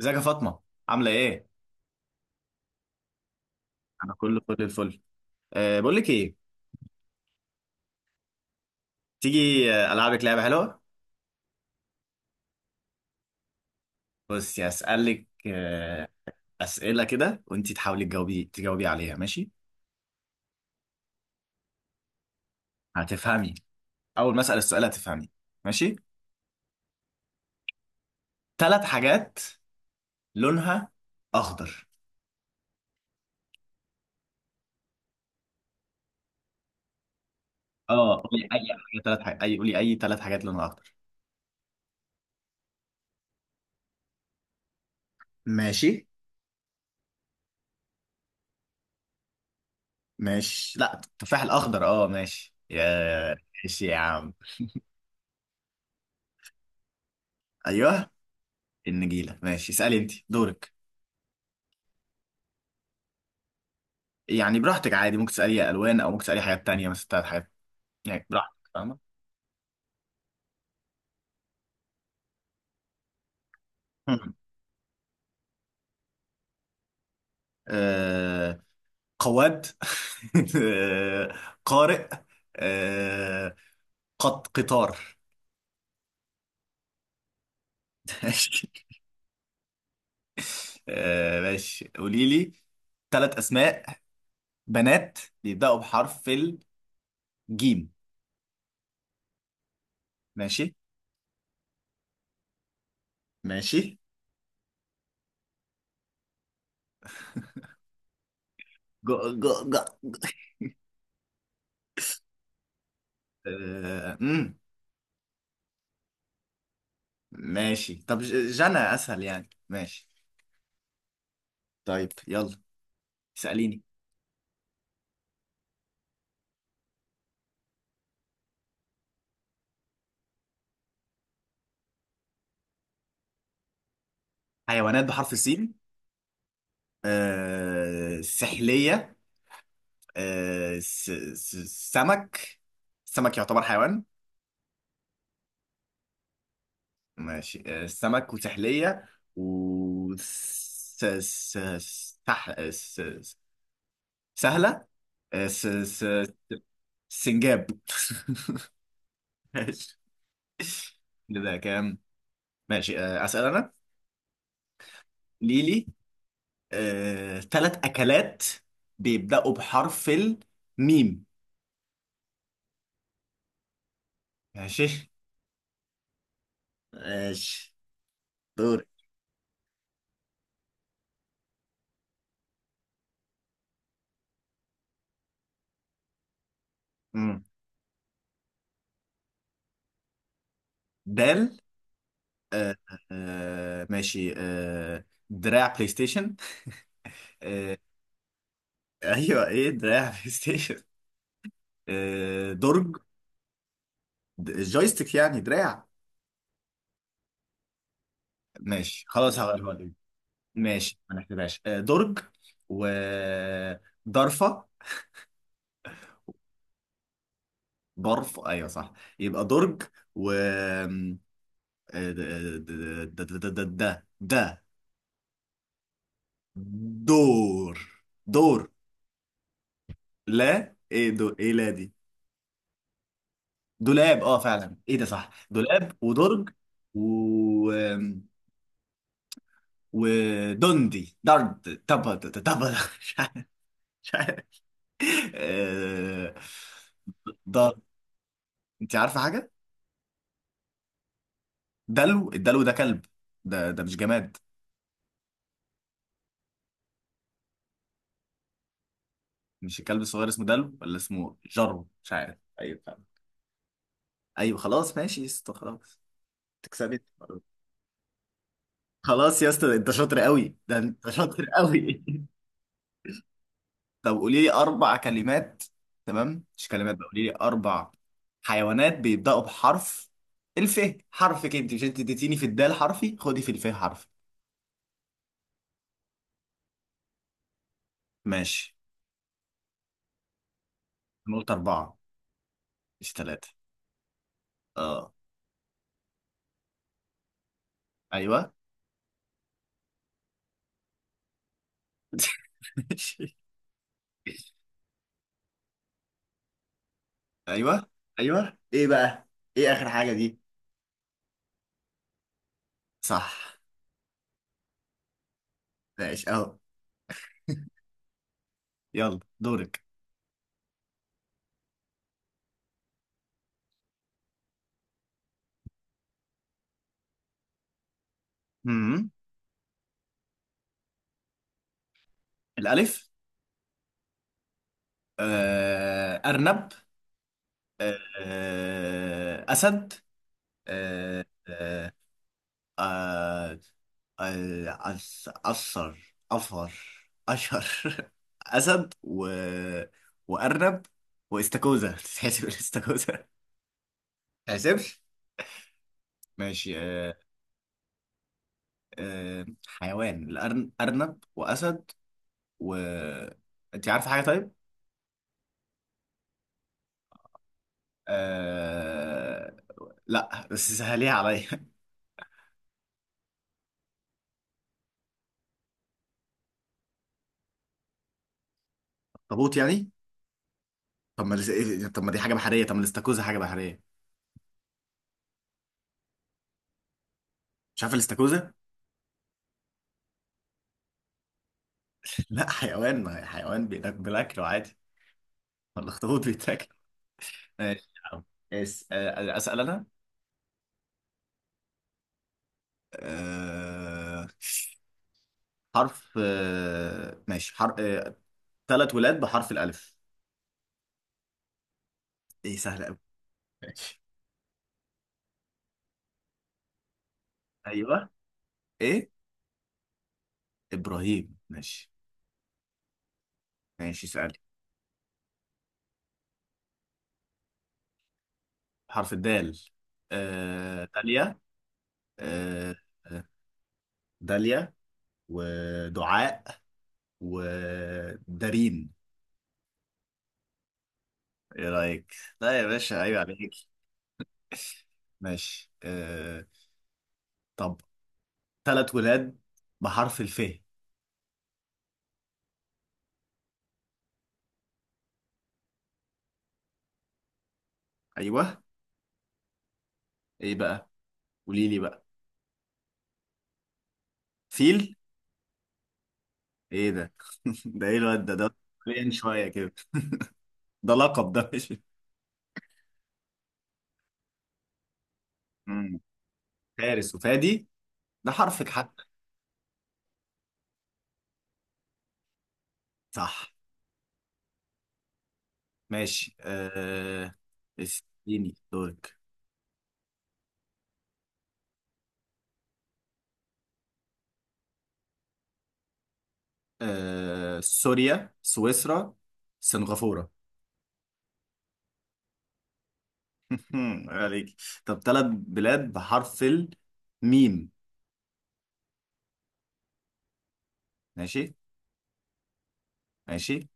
ازيك يا فاطمه؟ عامله ايه؟ انا كله فل الفل. بقول لك ايه؟ تيجي؟ آه، العبك لعبه حلوه. بصي هسالك اسئله كده وانت تحاولي تجاوبي عليها، ماشي؟ هتفهمي. اول ما اسال السؤال هتفهمي. ماشي؟ ثلاث حاجات لونها اخضر. اه، قولي اي ثلاث حاجات لونها اخضر. ماشي. ماشي، لا التفاح الاخضر اه، ماشي يا. ماشي يا عم. ايوه. النجيله، ماشي، اسالي، انت دورك. يعني براحتك، عادي ممكن تسألي ألوان أو ممكن تسألي حاجات تانية، مثلا بتاعت حاجات. يعني براحتك، فاهمة؟ مم. آه، قواد. آه، قارئ. آه، قطار. ماشي. آه، ماشي، قولي لي ثلاث أسماء بنات بيبدأوا بحرف الجيم. ماشي. ماشي. جو جو جو. آه، مم. ماشي، طب جنى أسهل يعني. ماشي. طيب يلا، اسأليني. حيوانات بحرف السين. آه، سحلية. آه، س. سمك. سمك يعتبر حيوان؟ ماشي. آه، سمك وسحلية. و سهلة. آه، سنجاب. ماشي. ده كام؟ ماشي. آه، أسأل أنا. ليلي، آه، تلات أكلات بيبدأوا بحرف الميم. ماشي. ماشي. دور. مم. دال. آه، آه، ماشي، آه، دراع بلاي ستيشن. آه. ايوه، ايه دراع، بلاي ستيشن. آه، درج. جويستيك يعني دراع. ماشي خلاص، هغيرها لك. ماشي، ما نحسبهاش. آه، درج. و ضرفة. برف، ايوه صح. يبقى درج. و آه، د- د- د- د- د- د- دور دور. لا ايه، دور، ايه، لا، دي دولاب. اه فعلا، ايه ده، صح، دولاب ودرج. و ودندي درد، طب طب. مش عارف. مش عارف. آه، ضر. انت عارفه حاجه؟ دلو. الدلو ده كلب؟ ده مش جماد. مش الكلب الصغير اسمه دلو؟ ولا اسمه جرو؟ مش عارف. ايوه فعلا. ايوه خلاص، ماشي يا اسطى، خلاص. تكسبت. خلاص يا اسطى، انت شاطر قوي، ده انت شاطر قوي. طب قولي لي اربع كلمات. تمام، مش كلمات بقى، قولي لي اربع حيوانات بيبداوا بحرف الف. حرف كده، انت، مش انت اديتيني في الدال حرفي، خدي في الف حرف. ماشي. انا قلت اربعه، مش ثلاثه. اه. ايوه. ماشي. ايوه. ايوه، ايه بقى؟ ايه اخر حاجه دي؟ صح. ماشي اهو. يلا دورك. امم الالف. آه، ارنب. آه، آه، اسد. آه، آه. آه، آه، أس- أثر أفر أشهر. أسد و، وأرنب، واستاكوزا. تتحسب الاستاكوزا؟ تحسبش. ماشي. آه، آه، حيوان أرنب وأسد. و أنت عارفة حاجة طيب؟ أه... لا بس سهليها عليا. اخطبوط يعني؟ طب ما دي حاجة بحرية، طب ما الاستاكوزا حاجة بحرية. مش عارف الاستاكوزا؟ لا حيوان، ما هي حيوان بيتاكل بالأكل عادي. ما الاخطبوط بيتاكل. ماشي يا عم. اس آه، اسال انا. أه... حرف، ماشي، حرف ثلاث ولاد بحرف الالف. ايه سهل قوي. ماشي. ايوه. ايه. ابراهيم، ماشي. ماشي، سألي. حرف الدال. داليا. آه... آه، داليا ودعاء ودارين. ايه رايك؟ لا يا باشا، عيب عليك. ماشي. طب ثلاث ولاد بحرف الف. ايوه. ايه بقى؟ قولي لي بقى. فيل؟ ايه ده؟ ده ايه الواد ده حاليا شويه كده. ده لقب، ده مش. مم. فارس وفادي. ده حرفك حتى. صح. ماشي. اديني دورك. سوريا، سويسرا، سنغافورة. عليك. طب ثلاث بلاد بحرف الميم. ماشي. ماشي.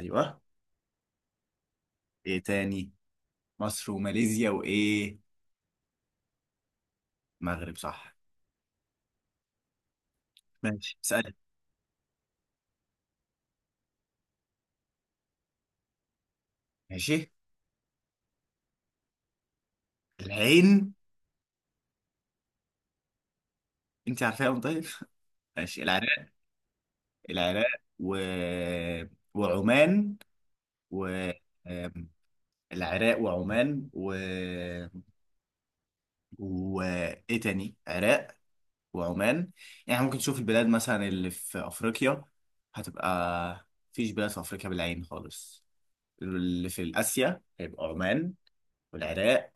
ايوه، ايه تاني؟ مصر وماليزيا وايه؟ مغرب، صح. ماشي، اسألي. ماشي. العين. انت عارفاهم طيب؟ ماشي. العراق. العراق. و، وعمان، و آم، العراق وعمان و، وايه تاني؟ عراق وعمان. يعني ممكن تشوف البلاد مثلا اللي في افريقيا هتبقى. مفيش بلاد في افريقيا بالعين خالص. اللي في اسيا هيبقى عمان والعراق.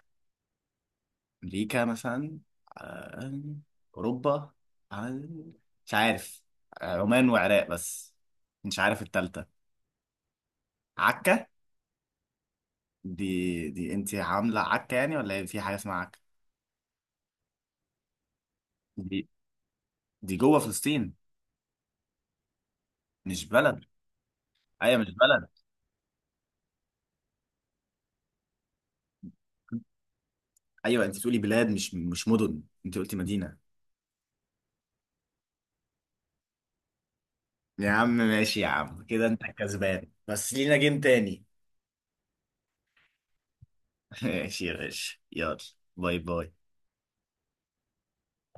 امريكا مثلا، آم، اوروبا، آم، مش عارف. آه، عمان وعراق بس، مش عارف التالتة. عكا؟ دي انت عامله عكه يعني ولا هي في حاجه اسمها عكه؟ دي، دي جوه فلسطين؟ مش بلد. ايوه، مش بلد. ايوه، انت بتقولي بلاد، مش مدن، انت قلتي مدينه. يا عم، ماشي يا عم، كده انت كسبان بس لينا جيم تاني. ماشي يا باشا، يلا. باي باي.